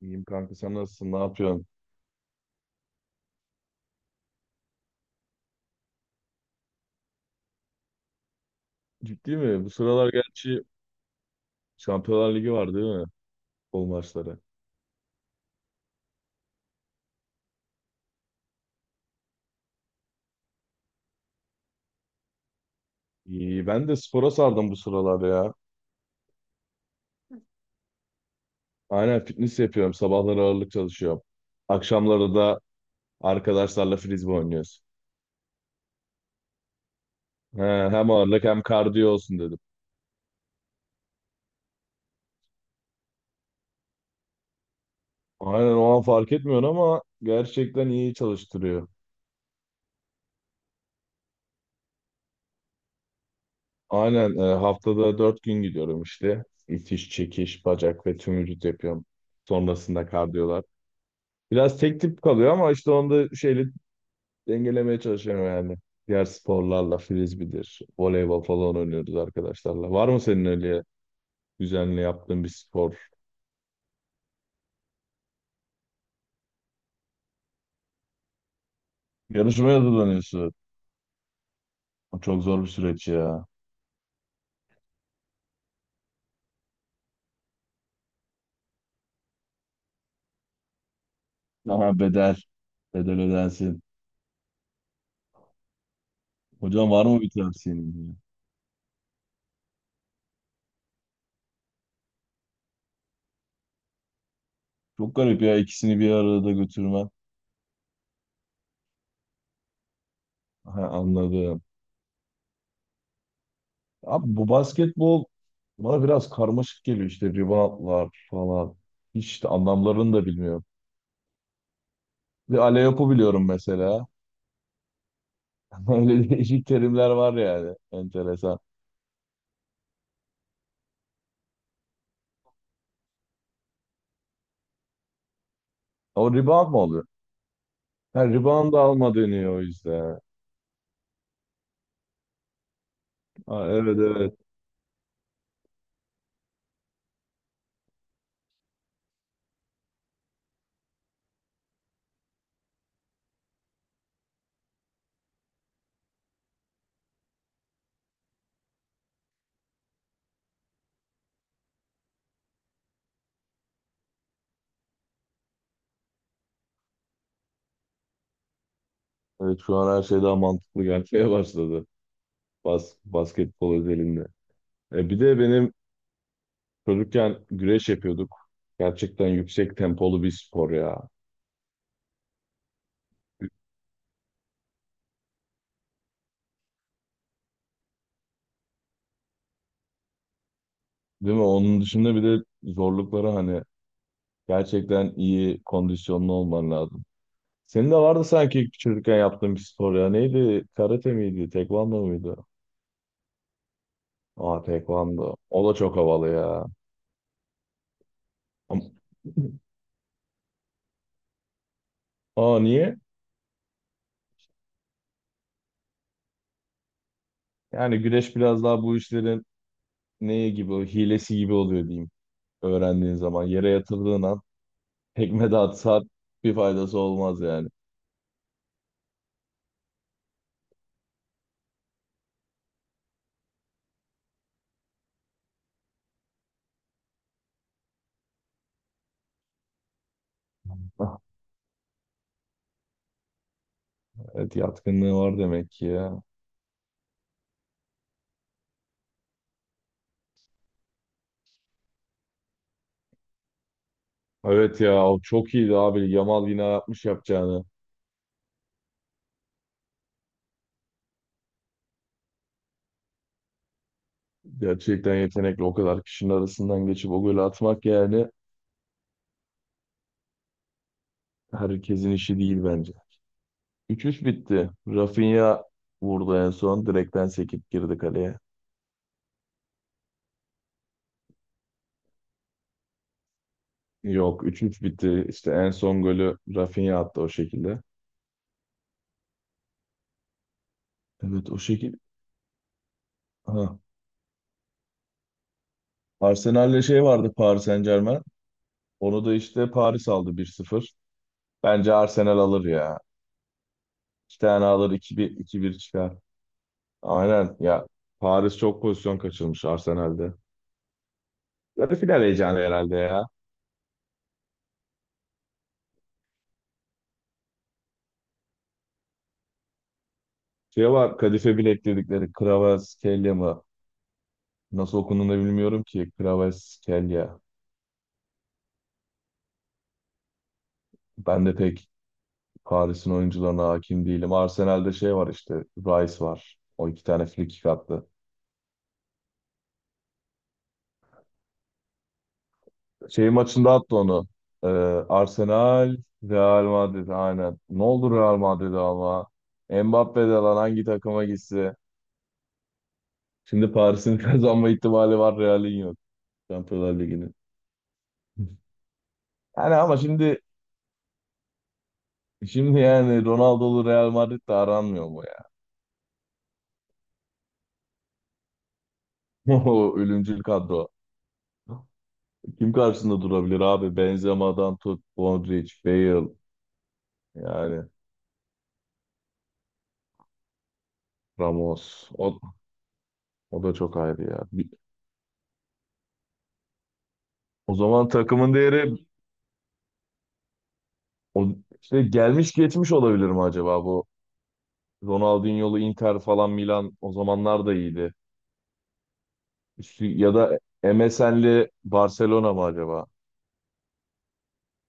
İyiyim kanka sen nasılsın? Ne yapıyorsun? Ciddi mi? Bu sıralar gerçi Şampiyonlar Ligi var değil mi? Futbol maçları. İyi. Ben de spora sardım bu sıralar ya. Aynen fitness yapıyorum. Sabahları ağırlık çalışıyorum. Akşamları da arkadaşlarla frisbee oynuyoruz. He, hem ağırlık hem kardiyo olsun dedim. Aynen o an fark etmiyorsun ama gerçekten iyi çalıştırıyor. Aynen haftada 4 gün gidiyorum işte. İtiş, çekiş, bacak ve tüm vücut yapıyorum. Sonrasında kardiyolar. Biraz tek tip kalıyor ama işte onda şeyle dengelemeye çalışıyorum yani. Diğer sporlarla frisbee'dir, voleybol falan oynuyoruz arkadaşlarla. Var mı senin öyle düzenli yaptığın bir spor? Yarışmaya hazırlanıyorsun. O çok zor bir süreç ya. Ama bedel, bedel ödensin. Hocam var mı bir tavsiyen ya? Çok garip ya ikisini bir arada götürmen. Ha, anladım. Abi bu basketbol bana biraz karmaşık geliyor işte reboundlar falan. Hiç de anlamlarını da bilmiyorum. Bir Ale biliyorum mesela. Öyle değişik terimler var yani. Enteresan. O rebound mı oluyor? Ha, rebound alma deniyor o yüzden. Ha, evet, evet. Evet, şu an her şey daha mantıklı gelmeye başladı. Basketbol özelinde. Bir de benim çocukken güreş yapıyorduk. Gerçekten yüksek tempolu bir spor ya. Değil mi? Onun dışında bir de zorlukları, hani gerçekten iyi kondisyonlu olman lazım. Senin de vardı sanki çocukken yaptığın bir spor ya. Neydi? Karate miydi? Tekvando muydu? Aa, tekvando. O da çok havalı ya. Ama- Aa, niye? Yani güreş biraz daha bu işlerin neye gibi, hilesi gibi oluyor diyeyim. Öğrendiğin zaman yere yatırdığın an tekme de atsa bir faydası olmaz yani. Ah, evet, yatkınlığı var demek ki ya. Evet ya, o çok iyiydi abi. Yamal yine yapmış yapacağını. Gerçekten yetenekli, o kadar kişinin arasından geçip o golü atmak yani herkesin işi değil bence. 3-3 bitti. Rafinha vurdu en son. Direkten sekip girdi kaleye. Yok, 3-3 bitti. İşte en son golü Rafinha attı o şekilde. Evet, o şekil. Ha. Arsenal'le şey vardı, Paris Saint-Germain. Onu da işte Paris aldı, 1-0. Bence Arsenal alır ya. İki tane alır, 2-1 2-1 çıkar. Aynen ya. Paris çok pozisyon kaçırmış Arsenal'de. Yarı final heyecanı herhalde ya. Şey var, Kadife Bilek dedikleri, Kvaratskhelia mı? Nasıl okunduğunu da bilmiyorum ki. Kvaratskhelia. Ben de pek Paris'in oyuncularına hakim değilim. Arsenal'de şey var işte. Rice var. O iki tane frikik attı. Şey maçında attı onu. Ee, Arsenal, Real Madrid aynen. Ne oldu Real Madrid'e ama? Mbappe de lan, hangi takıma gitse. Şimdi Paris'in kazanma ihtimali var. Real'in yok. Şampiyonlar Ligi'nin. Yani ama şimdi yani Ronaldo'lu Real Madrid'de aranmıyor mu ya? O ölümcül kadro. Kim karşısında durabilir abi? Benzema'dan tut, Modric, Bale yani. Ramos. O da çok ayrı ya. O zaman takımın değeri o, işte gelmiş geçmiş olabilir mi acaba bu? Ronaldinho'lu Inter falan Milan o zamanlar da iyiydi. Ya da MSN'li Barcelona mı acaba?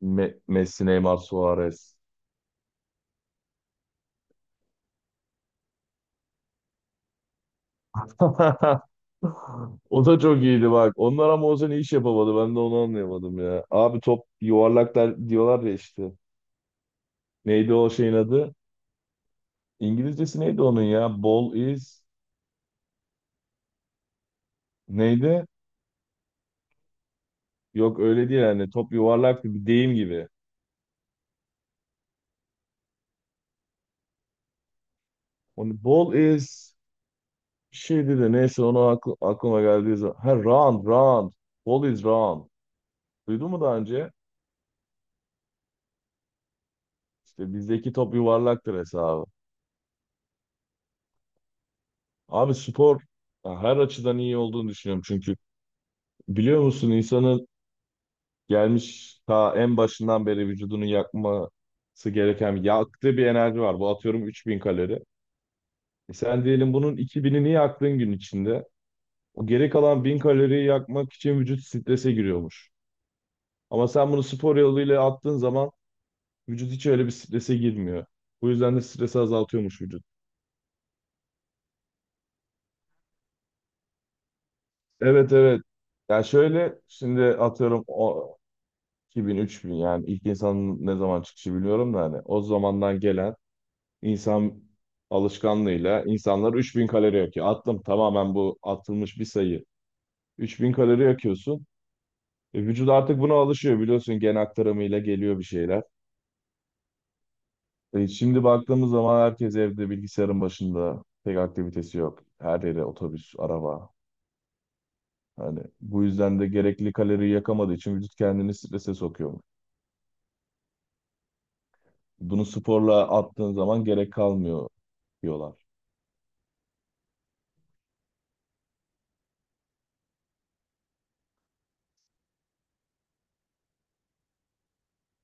Messi, Neymar, Suarez. O da çok iyiydi bak. Onlar ama o sene iş yapamadı. Ben de onu anlayamadım ya. Abi top yuvarlak der, diyorlar ya işte. Neydi o şeyin adı? İngilizcesi neydi onun ya? Ball is neydi? Yok, öyle değil yani. Top yuvarlaktı, bir deyim gibi. Onu ball is bir şeydi de neyse, onu aklıma geldiği zaman. Ha, round round. Ball is round. Duydun mu daha önce? İşte bizdeki top yuvarlaktır hesabı. Abi, spor ya her açıdan iyi olduğunu düşünüyorum, çünkü biliyor musun, insanın gelmiş ta en başından beri vücudunun yakması gereken, yaktığı bir enerji var. Bu atıyorum 3000 kalori. E sen diyelim bunun 2000'ini yaktığın gün içinde. O geri kalan 1000 kaloriyi yakmak için vücut strese giriyormuş. Ama sen bunu spor yoluyla attığın zaman vücut hiç öyle bir strese girmiyor. Bu yüzden de stresi azaltıyormuş vücut. Evet, evet. Ya şöyle, şimdi atıyorum o 2000 3000, yani ilk insanın ne zaman çıkışı biliyorum da hani o zamandan gelen insan alışkanlığıyla insanlar 3000 kalori yakıyor. Attım, tamamen bu atılmış bir sayı. 3000 kalori yakıyorsun. Vücut artık buna alışıyor, biliyorsun, gen aktarımıyla geliyor bir şeyler. Şimdi baktığımız zaman herkes evde bilgisayarın başında. Pek aktivitesi yok. Her yere otobüs, araba. Hani bu yüzden de gerekli kaloriyi yakamadığı için vücut kendini strese sokuyor. Bunu sporla attığın zaman gerek kalmıyor diyorlar.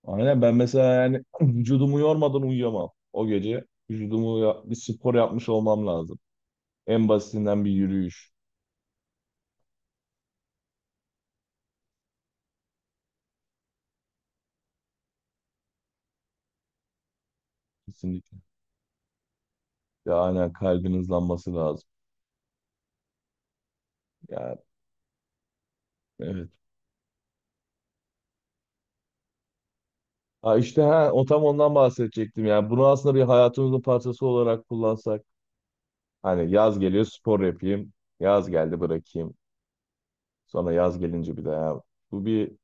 Aynen ben mesela yani vücudumu yormadan uyuyamam. O gece vücudumu bir spor yapmış olmam lazım. En basitinden bir yürüyüş kesinlikle. Ya aynen, kalbin hızlanması lazım. Ya, evet. Ha, işte o tam ondan bahsedecektim. Yani bunu aslında bir hayatımızın parçası olarak kullansak. Hani yaz geliyor spor yapayım. Yaz geldi bırakayım. Sonra yaz gelince bir daha ya. Bu bir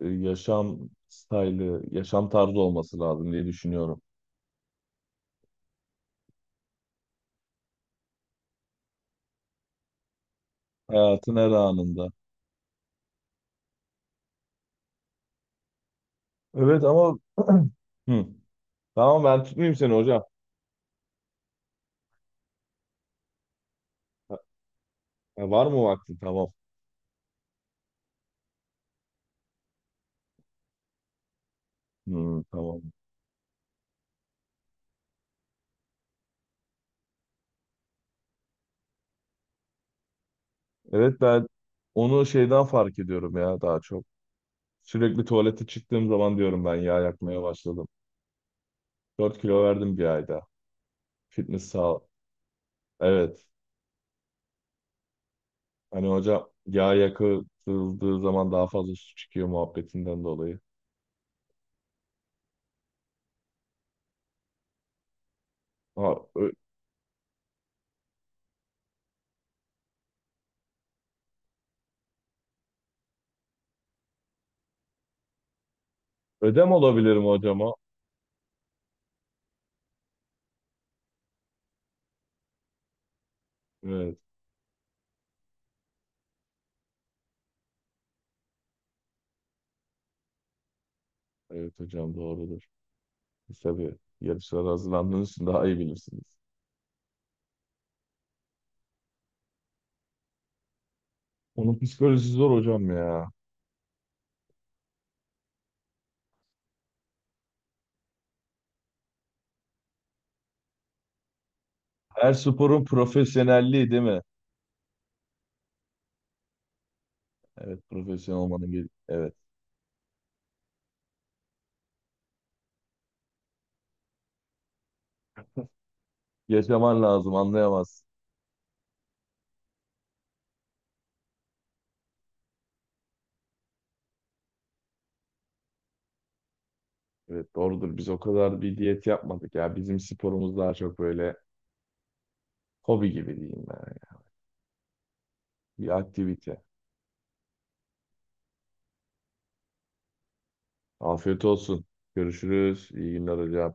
yaşam stili, yaşam tarzı olması lazım diye düşünüyorum. Hayatın her anında. Evet ama hı, tamam, ben tutmayayım seni hocam. Ya, var mı vaktin? Tamam. Hı, tamam. Evet, ben onu şeyden fark ediyorum ya, daha çok. Sürekli tuvalete çıktığım zaman diyorum ben yağ yakmaya başladım. 4 kilo verdim bir ayda. Fitness. Evet. Hani hocam yağ yakıldığı zaman daha fazla su çıkıyor muhabbetinden dolayı. Ha, ödem olabilirim hocama. Evet. Evet hocam, doğrudur. Siz tabii yarışlara hazırlandığınız için daha iyi bilirsiniz. Onun psikolojisi zor hocam ya. Her sporun profesyonelliği değil mi? Evet, profesyonel olmanın. Evet. Yaşaman lazım, anlayamaz. Evet, doğrudur. Biz o kadar bir diyet yapmadık ya. Bizim sporumuz daha çok böyle hobi gibi diyeyim. Bir aktivite. Afiyet olsun. Görüşürüz. İyi günler hocam.